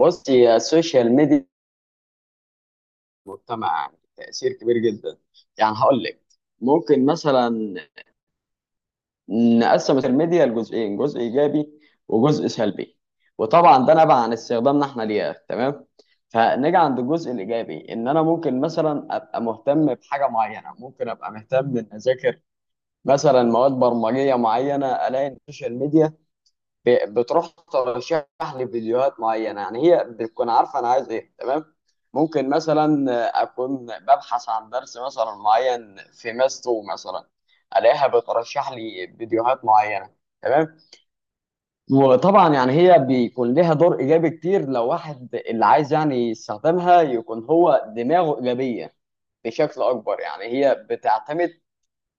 بص هي السوشيال ميديا في المجتمع يعني تأثير كبير جدا. يعني هقول لك ممكن مثلا نقسم السوشيال ميديا لجزئين، جزء إيجابي وجزء سلبي. وطبعا ده نبع عن استخدامنا احنا ليها. تمام. فنيجي عند الجزء الإيجابي، إن أنا ممكن مثلا أبقى مهتم بحاجة معينة، ممكن أبقى مهتم إن أذاكر مثلا مواد برمجية معينة. ألاقي إن السوشيال ميديا بتروح ترشح لي فيديوهات معينه، يعني هي بتكون عارفه انا عايز ايه. تمام. ممكن مثلا اكون ببحث عن درس مثلا معين في ماس 2 مثلا، الاقيها بترشح لي فيديوهات معينه. تمام. وطبعا يعني هي بيكون لها دور ايجابي كتير لو واحد اللي عايز يعني يستخدمها يكون هو دماغه ايجابيه بشكل اكبر. يعني هي بتعتمد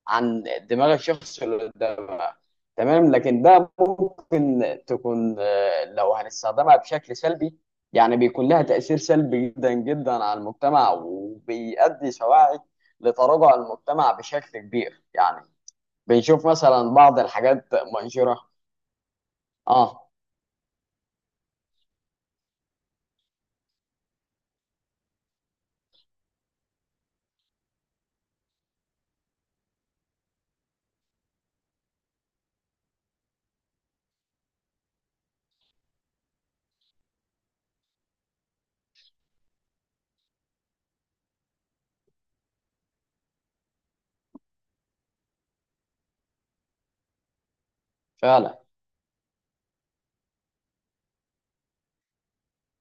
عن دماغ الشخص اللي قدامها. تمام. لكن ده ممكن تكون، لو هنستخدمها بشكل سلبي، يعني بيكون لها تأثير سلبي جدا جدا على المجتمع وبيؤدي سواعي لتراجع المجتمع بشكل كبير. يعني بنشوف مثلا بعض الحاجات منشورة. اه. فعلا.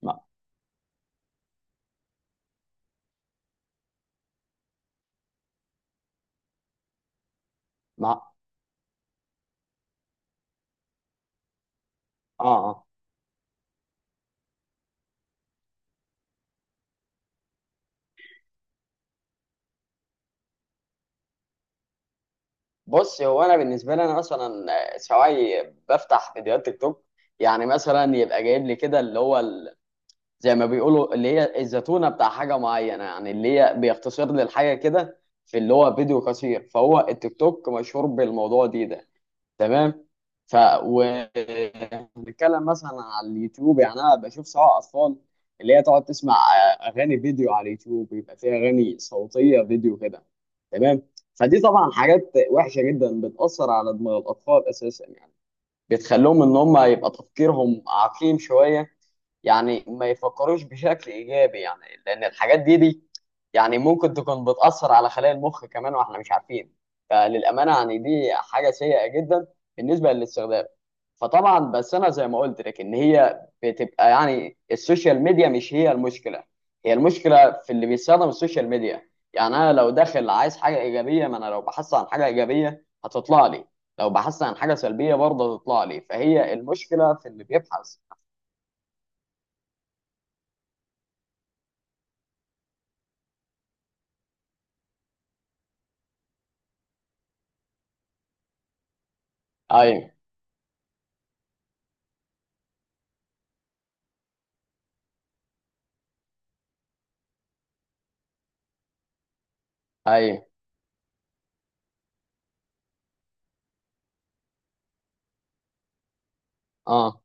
ما ما. اه. آه. بص هو انا بالنسبه لي انا مثلا سواعي بفتح فيديوهات تيك توك. يعني مثلا يبقى جايب لي كده اللي هو زي ما بيقولوا اللي هي الزتونة بتاع حاجة معينة، يعني اللي هي بيختصر للحاجة كده في اللي هو فيديو قصير، فهو التيك توك مشهور بالموضوع دي ده. تمام. ف و بنتكلم مثلا على اليوتيوب، يعني انا بشوف سواء اطفال اللي هي تقعد تسمع اغاني فيديو على اليوتيوب بيبقى فيها اغاني صوتية فيديو كده. تمام. فدي طبعا حاجات وحشة جدا بتأثر على دماغ الأطفال أساسا، يعني بتخليهم ان هم يبقى تفكيرهم عقيم شويه، يعني ما يفكروش بشكل ايجابي، يعني لان الحاجات دي يعني ممكن تكون بتاثر على خلايا المخ كمان واحنا مش عارفين. فللامانه يعني دي حاجه سيئه جدا بالنسبه للاستخدام. فطبعا بس انا زي ما قلت لك ان هي بتبقى يعني السوشيال ميديا مش هي المشكله، هي المشكله في اللي بيستخدم السوشيال ميديا. يعني انا لو داخل عايز حاجه ايجابيه، ما انا لو بحثت عن حاجه ايجابيه هتطلع لي، لو بحثت عن حاجه سلبيه برضه هتطلع لي، فهي المشكله في اللي بيبحث. ايوه، ايوه، اه،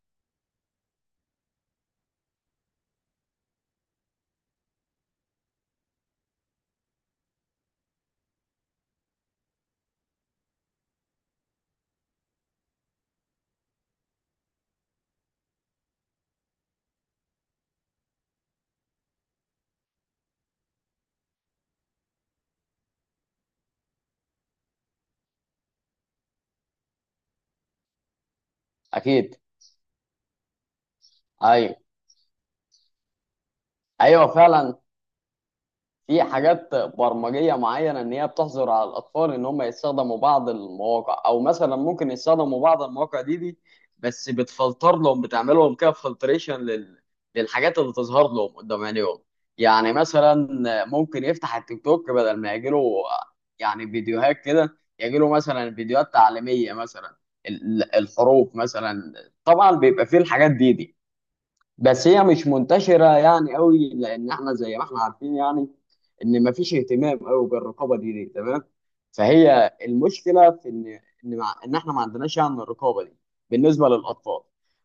اكيد، ايوه، ايوه، فعلا. في حاجات برمجيه معينه ان هي بتحظر على الاطفال ان هم يستخدموا بعض المواقع، او مثلا ممكن يستخدموا بعض المواقع دي بس بتفلتر لهم، بتعمل لهم كده فلتريشن للحاجات اللي تظهر لهم قدام عينيهم. يعني مثلا ممكن يفتح التيك توك بدل ما يجيله يعني فيديوهات كده، يجيله مثلا فيديوهات تعليميه، مثلا الحروف مثلا. طبعا بيبقى فيه الحاجات دي بس هي مش منتشرة يعني قوي، لأن احنا زي ما احنا عارفين يعني إن مفيش اهتمام قوي بالرقابة دي. تمام. فهي المشكلة في إن، مع إن احنا ما عندناش يعني الرقابة دي بالنسبة للأطفال.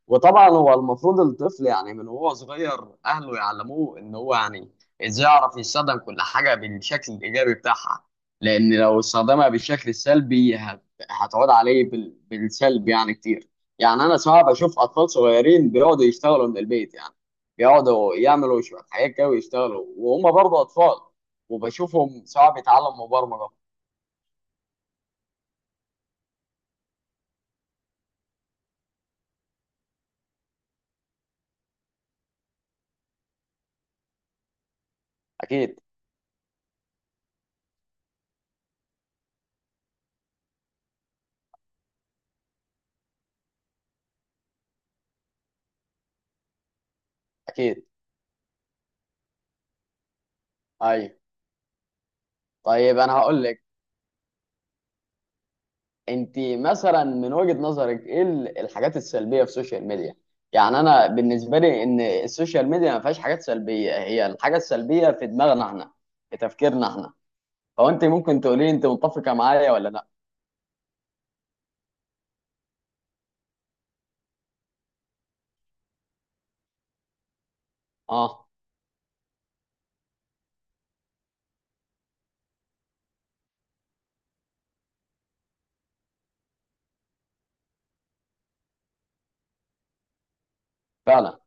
وطبعا هو المفروض الطفل يعني من وهو صغير أهله يعلموه إن هو يعني إزاي يعرف يستخدم كل حاجة بالشكل الإيجابي بتاعها، لأن لو استخدمها بالشكل السلبي هتعود عليه بالسلب يعني كتير. يعني انا صعب اشوف اطفال صغيرين بيقعدوا يشتغلوا من البيت، يعني بيقعدوا يعملوا شويه حاجات كده ويشتغلوا وهم برضه اطفال، وبشوفهم صعب يتعلموا مبرمجه. اكيد، اكيد، ايوه. طيب انا هقول لك، انت مثلا من وجهه نظرك ايه الحاجات السلبيه في السوشيال ميديا؟ يعني انا بالنسبه لي ان السوشيال ميديا ما فيهاش حاجات سلبيه، هي الحاجه السلبيه في دماغنا احنا، في تفكيرنا احنا. فانت ممكن تقولي انت متفقه معايا ولا لا؟ اه، فعلا،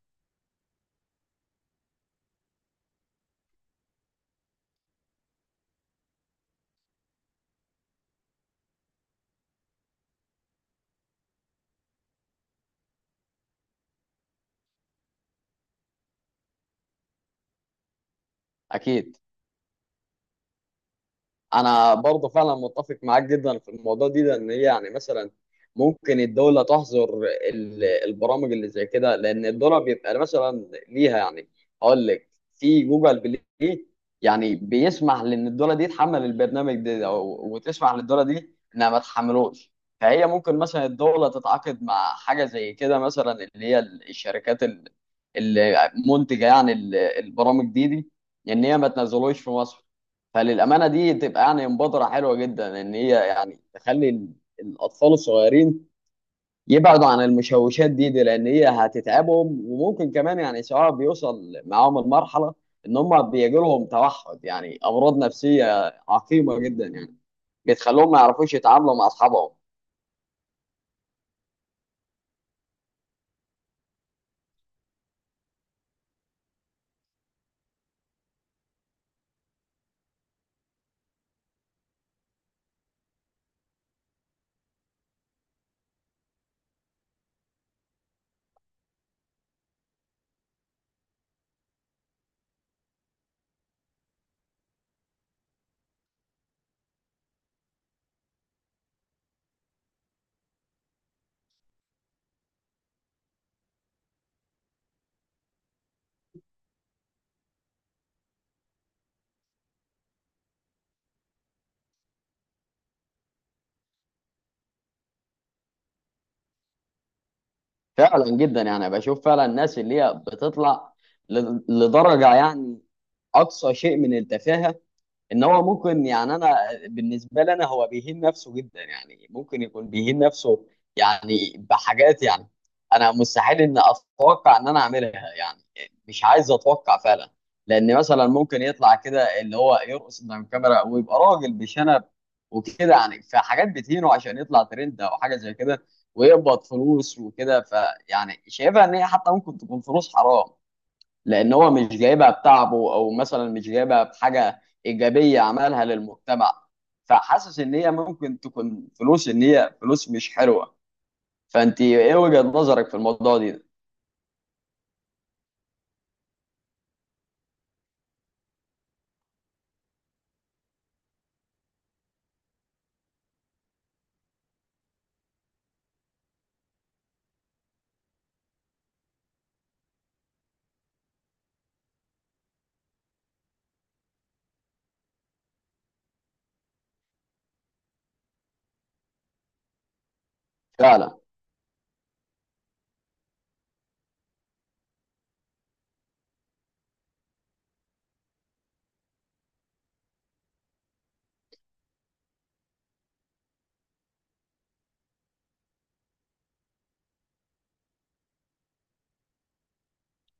اكيد. انا برضه فعلا متفق معاك جدا في الموضوع دي، لان هي يعني مثلا ممكن الدوله تحظر البرامج اللي زي كده، لان الدوله بيبقى مثلا ليها يعني هقول لك في جوجل بلاي، يعني بيسمح لان الدوله دي تحمل البرنامج ده وتسمح للدوله دي انها ما تحملوش. فهي ممكن مثلا الدوله تتعاقد مع حاجه زي كده مثلا اللي هي الشركات المنتجه، يعني البرامج دي ان هي ما تنزلوش في مصر. فللأمانة دي تبقى يعني مبادرة حلوة جدا إن هي يعني تخلي الأطفال الصغيرين يبعدوا عن المشوشات دي لأن هي هتتعبهم، وممكن كمان يعني سواء بيوصل معاهم المرحلة إن هم بيجي لهم توحد يعني أمراض نفسية عقيمة جدا، يعني بتخليهم ما يعرفوش يتعاملوا مع أصحابهم. فعلا جدا، يعني بشوف فعلا الناس اللي هي بتطلع لدرجة يعني أقصى شيء من التفاهة. ان هو ممكن، يعني انا بالنسبه لي انا هو بيهين نفسه جدا، يعني ممكن يكون بيهين نفسه يعني بحاجات، يعني انا مستحيل ان اتوقع ان انا اعملها، يعني مش عايز اتوقع فعلا. لان مثلا ممكن يطلع كده اللي هو يرقص قدام الكاميرا ويبقى راجل بشنب وكده، يعني في حاجات بتهينه عشان يطلع ترند او حاجه زي كده ويقبض فلوس وكده. فيعني شايفها ان هي حتى ممكن تكون فلوس حرام، لان هو مش جايبها بتعبه او مثلا مش جايبها بحاجه ايجابيه عملها للمجتمع، فحاسس ان هي ممكن تكون فلوس ان هي فلوس مش حلوه. فانت ايه وجهه نظرك في الموضوع دي؟ فعلا،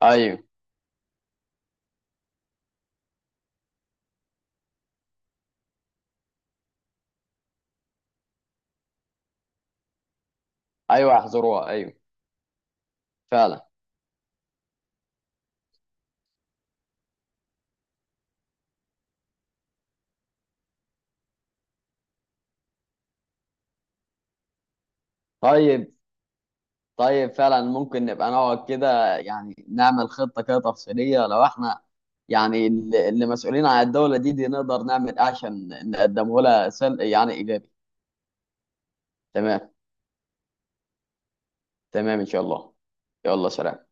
ايوه، ايوه، احذروها، ايوه، فعلا. طيب، طيب، فعلا ممكن نبقى نقعد كده يعني نعمل خطه كده تفصيليه لو احنا يعني اللي مسؤولين عن الدوله دي نقدر نعمل إيه عشان نقدمه لها، يعني ايجابي. تمام. تمام، ان شاء الله. يلا، سلام.